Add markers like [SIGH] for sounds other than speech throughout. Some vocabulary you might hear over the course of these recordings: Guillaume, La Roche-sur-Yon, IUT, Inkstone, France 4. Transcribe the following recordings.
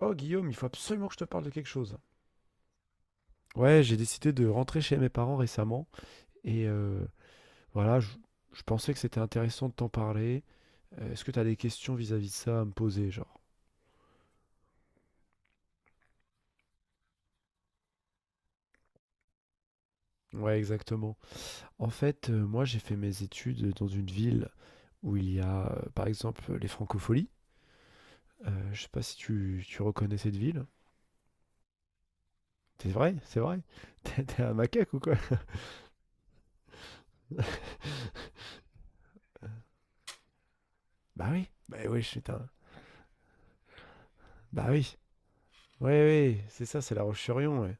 Oh Guillaume, il faut absolument que je te parle de quelque chose. Ouais, j'ai décidé de rentrer chez mes parents récemment et voilà, je pensais que c'était intéressant de t'en parler. Est-ce que t'as des questions vis-à-vis de ça à me poser, genre? Ouais, exactement. En fait, moi j'ai fait mes études dans une ville où il y a par exemple les francopholies. Je sais pas si tu reconnais cette ville. C'est vrai, c'est vrai. [LAUGHS] T'es un macaque ou quoi? [LAUGHS] Bah oui, je suis un. Bah oui, ouais, ouais, c'est ça, c'est La Roche-sur-Yon, ouais.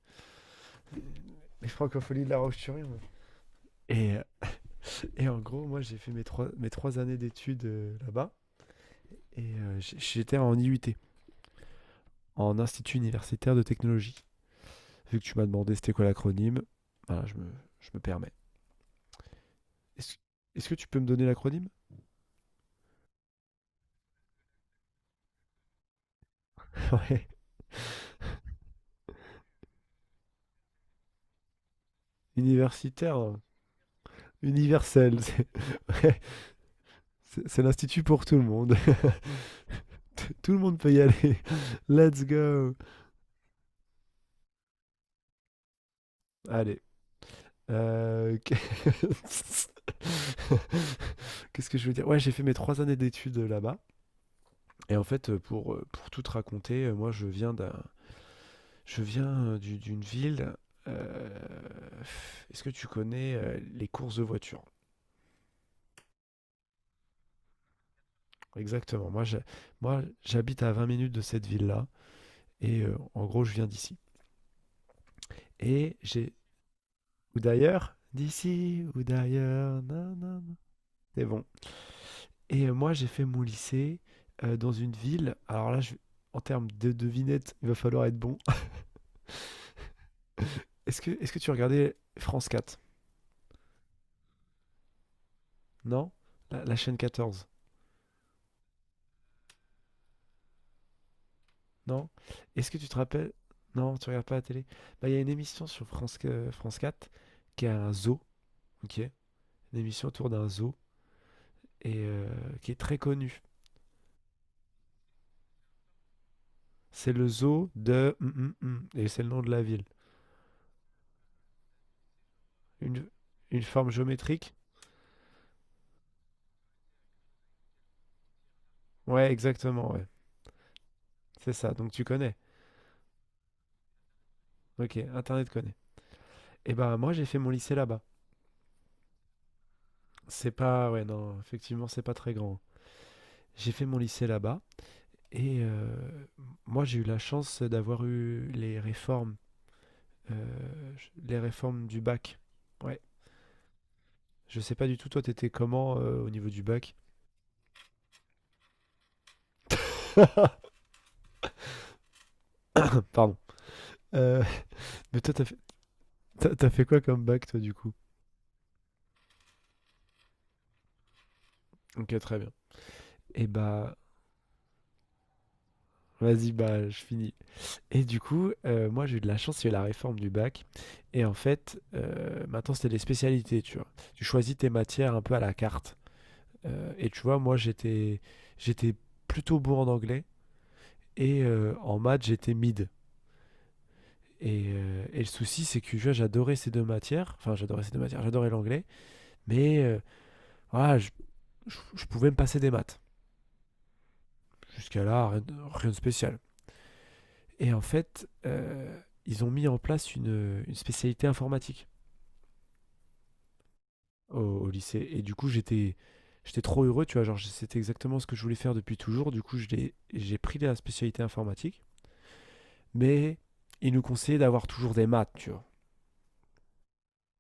Les francopholies de La Roche-sur-Yon, ouais. Et, et en gros, moi, j'ai fait mes trois années d'études là-bas. Et j'étais en IUT, en Institut Universitaire de Technologie. Vu que tu m'as demandé c'était quoi l'acronyme, voilà, je me permets. Est-ce est-ce que tu peux me donner l'acronyme? [LAUGHS] Ouais. Universitaire, universel. C'est ouais, c'est l'institut pour tout le monde. [LAUGHS] Tout le monde peut y aller. [LAUGHS] Let's go. Allez. euh, [LAUGHS] Qu'est-ce que je veux dire? Ouais, j'ai fait mes trois années d'études là-bas. Et en fait, pour tout te raconter, moi, je viens d'une ville. euh, Est-ce que tu connais les courses de voitures? Exactement. Moi, j'habite à 20 minutes de cette ville-là. Et en gros, je viens d'ici. Et j'ai. Ou d'ailleurs. D'ici ou d'ailleurs. Nan, nan, nan. C'est bon. Et moi, j'ai fait mon lycée dans une ville. En termes de devinette, il va falloir être bon. [LAUGHS] Est-ce que tu regardais France 4? Non? La chaîne 14. Non? Est-ce que tu te rappelles? Non, tu regardes pas la télé. Bah, il y a une émission sur France quatre qui a un zoo, ok? Une émission autour d'un zoo et qui est très connue. C'est le zoo de et c'est le nom de la ville. Une, une forme géométrique? Ouais, exactement, ouais. C'est ça, donc tu connais. Ok, Internet connaît. Et bah, moi, j'ai fait mon lycée là-bas. C'est pas, ouais, non, effectivement, c'est pas très grand. J'ai fait mon lycée là-bas et moi, j'ai eu la chance d'avoir eu euh, les réformes du bac. Ouais. Je sais pas du tout, toi, t'étais comment au niveau du bac? Pardon. Euh, [LAUGHS] mais t'as fait quoi comme bac, toi, du coup? Ok, très bien. Et bah, vas-y, bah, je finis. Et du coup, moi, j'ai eu de la chance, il y a eu la réforme du bac. Et en fait, maintenant, c'était des spécialités, tu vois. Tu choisis tes matières un peu à la carte. Et tu vois, j'étais plutôt bon en anglais. Et en maths, j'étais mid. Et le souci, c'est que tu vois, j'adorais ces deux matières. Enfin, j'adorais ces deux matières. J'adorais l'anglais. Mais voilà, je pouvais me passer des maths. Jusqu'à là, rien de spécial. Et en fait, ils ont mis en place une spécialité informatique au lycée. Et du coup, j'étais trop heureux. Tu vois, genre, c'était exactement ce que je voulais faire depuis toujours. Du coup, j'ai pris la spécialité informatique. Mais ils nous conseillaient d'avoir toujours des maths, tu vois.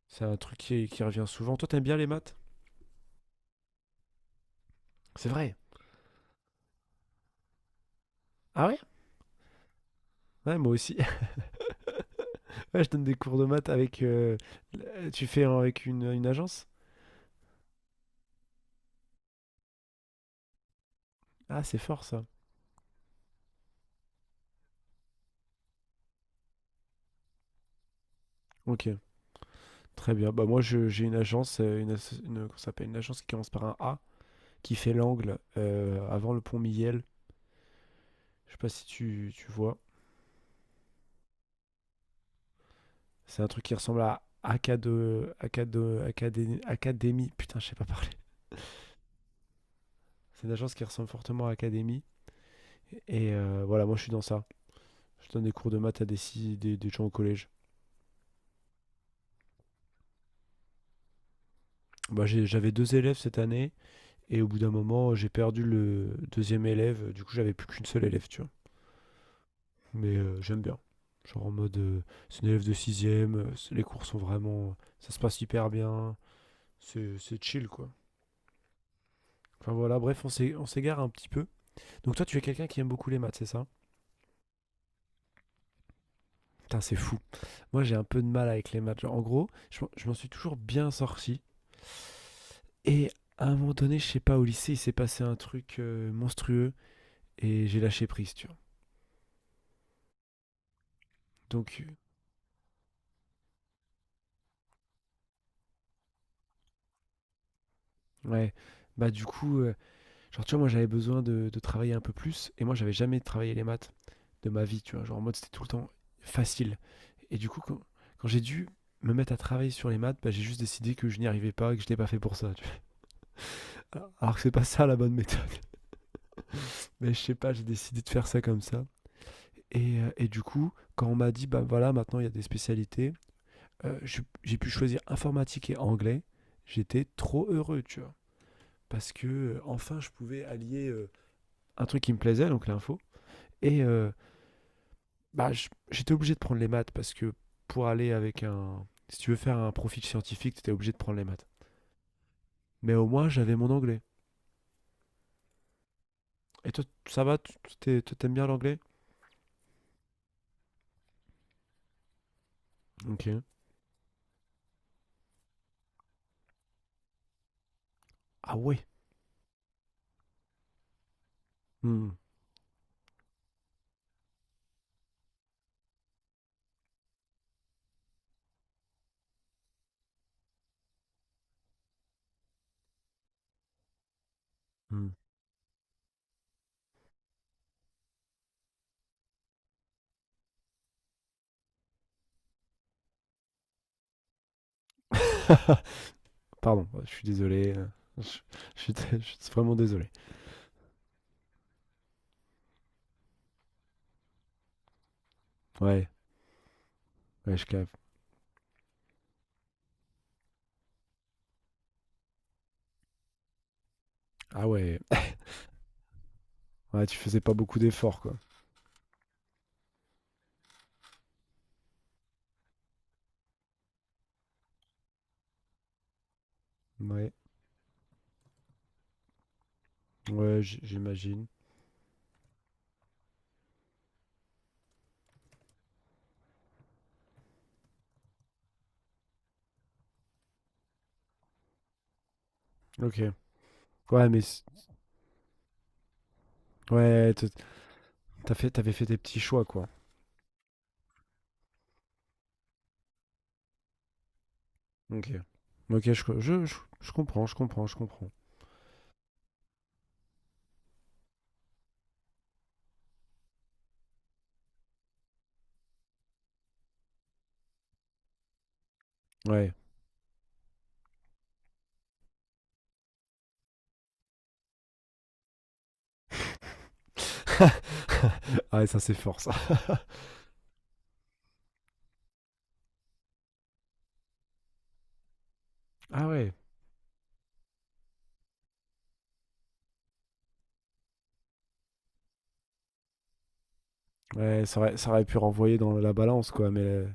C'est un truc qui revient souvent. Toi, t'aimes bien les maths? C'est vrai. Ah ouais? Ouais, moi aussi. Ouais, je donne des cours de maths avec. Tu fais avec une agence? Ah, c'est fort ça. Ok, très bien. Bah moi, j'ai une agence, comment ça s'appelle, une agence qui commence par un A, qui fait l'angle avant le pont Miel. Je sais pas si tu vois. C'est un truc qui ressemble à Académie. Putain, je sais pas parler. C'est une agence qui ressemble fortement à Académie. Et voilà, moi, je suis dans ça. Je donne des cours de maths à des, si- des gens au collège. Bah, j'avais deux élèves cette année. Et au bout d'un moment, j'ai perdu le deuxième élève. Du coup, j'avais plus qu'une seule élève, tu vois. Mais j'aime bien. Genre en mode, c'est une élève de sixième. Les cours sont vraiment, ça se passe hyper bien. C'est chill, quoi. Enfin voilà, bref, on s'égare un petit peu. Donc toi, tu es quelqu'un qui aime beaucoup les maths, c'est ça? Putain, c'est fou. Moi, j'ai un peu de mal avec les maths. Genre, en gros, je m'en suis toujours bien sorti. Et à un moment donné, je sais pas, au lycée, il s'est passé un truc monstrueux et j'ai lâché prise, tu vois. Donc, ouais, bah, du coup, genre, tu vois, moi, j'avais besoin de travailler un peu plus et moi, j'avais jamais travaillé les maths de ma vie, tu vois? Genre, en mode, c'était tout le temps facile et du coup, quand j'ai dû me mettre à travailler sur les maths, bah, j'ai juste décidé que je n'y arrivais pas et que je n'étais pas fait pour ça, tu vois? [LAUGHS] Alors que c'est pas ça la bonne méthode, [LAUGHS] mais je sais pas, j'ai décidé de faire ça comme ça et du coup, quand on m'a dit: «Bah, voilà, maintenant, il y a des spécialités», je j'ai pu choisir informatique et anglais. J'étais trop heureux, tu vois? Parce que, enfin, je pouvais allier, un truc qui me plaisait, donc l'info. Et bah, j'étais obligé de prendre les maths parce que pour aller avec un. Si tu veux faire un profil scientifique, tu étais obligé de prendre les maths. Mais au moins, j'avais mon anglais. Et toi, ça va? Toi, t'aimes bien l'anglais? Ok. Ah ouais? Hmm, hmm. [LAUGHS] Pardon, ouais, je suis désolé. Je [LAUGHS] je suis vraiment désolé. Ouais, ouais, je capte. Ah ouais. Ouais, tu faisais pas beaucoup d'efforts, quoi. Ouais, ouais, j'imagine. Ok. Ouais, mais. c- ouais, t'avais fait tes petits choix, quoi. Ok. Ok, je, co- je, je, je comprends, je comprends, je comprends. Ouais. [LAUGHS] ah ouais, ça c'est fort ça. [LAUGHS] Ah ouais. Ouais, ça aurait pu renvoyer dans la balance quoi, mais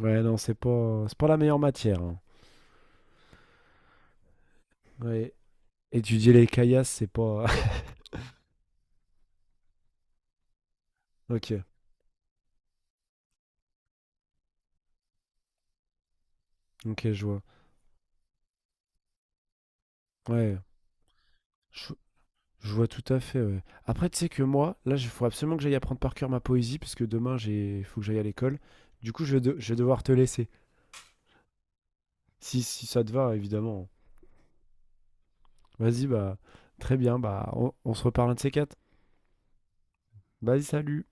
ouais non, c'est pas la meilleure matière, hein. Ouais. Étudier les caillasses, c'est pas. [LAUGHS] Ok. Ok, je vois. Ouais. Je, je vois tout à fait, ouais. Après, tu sais que moi, là, il faut absolument que j'aille apprendre par cœur ma poésie parce que demain j'ai faut que j'aille à l'école. Du coup, je vais devoir te laisser. Si, si ça te va, évidemment. Vas-y, bah, très bien. Bah, on se reparle un de ces quatre. Vas-y, salut.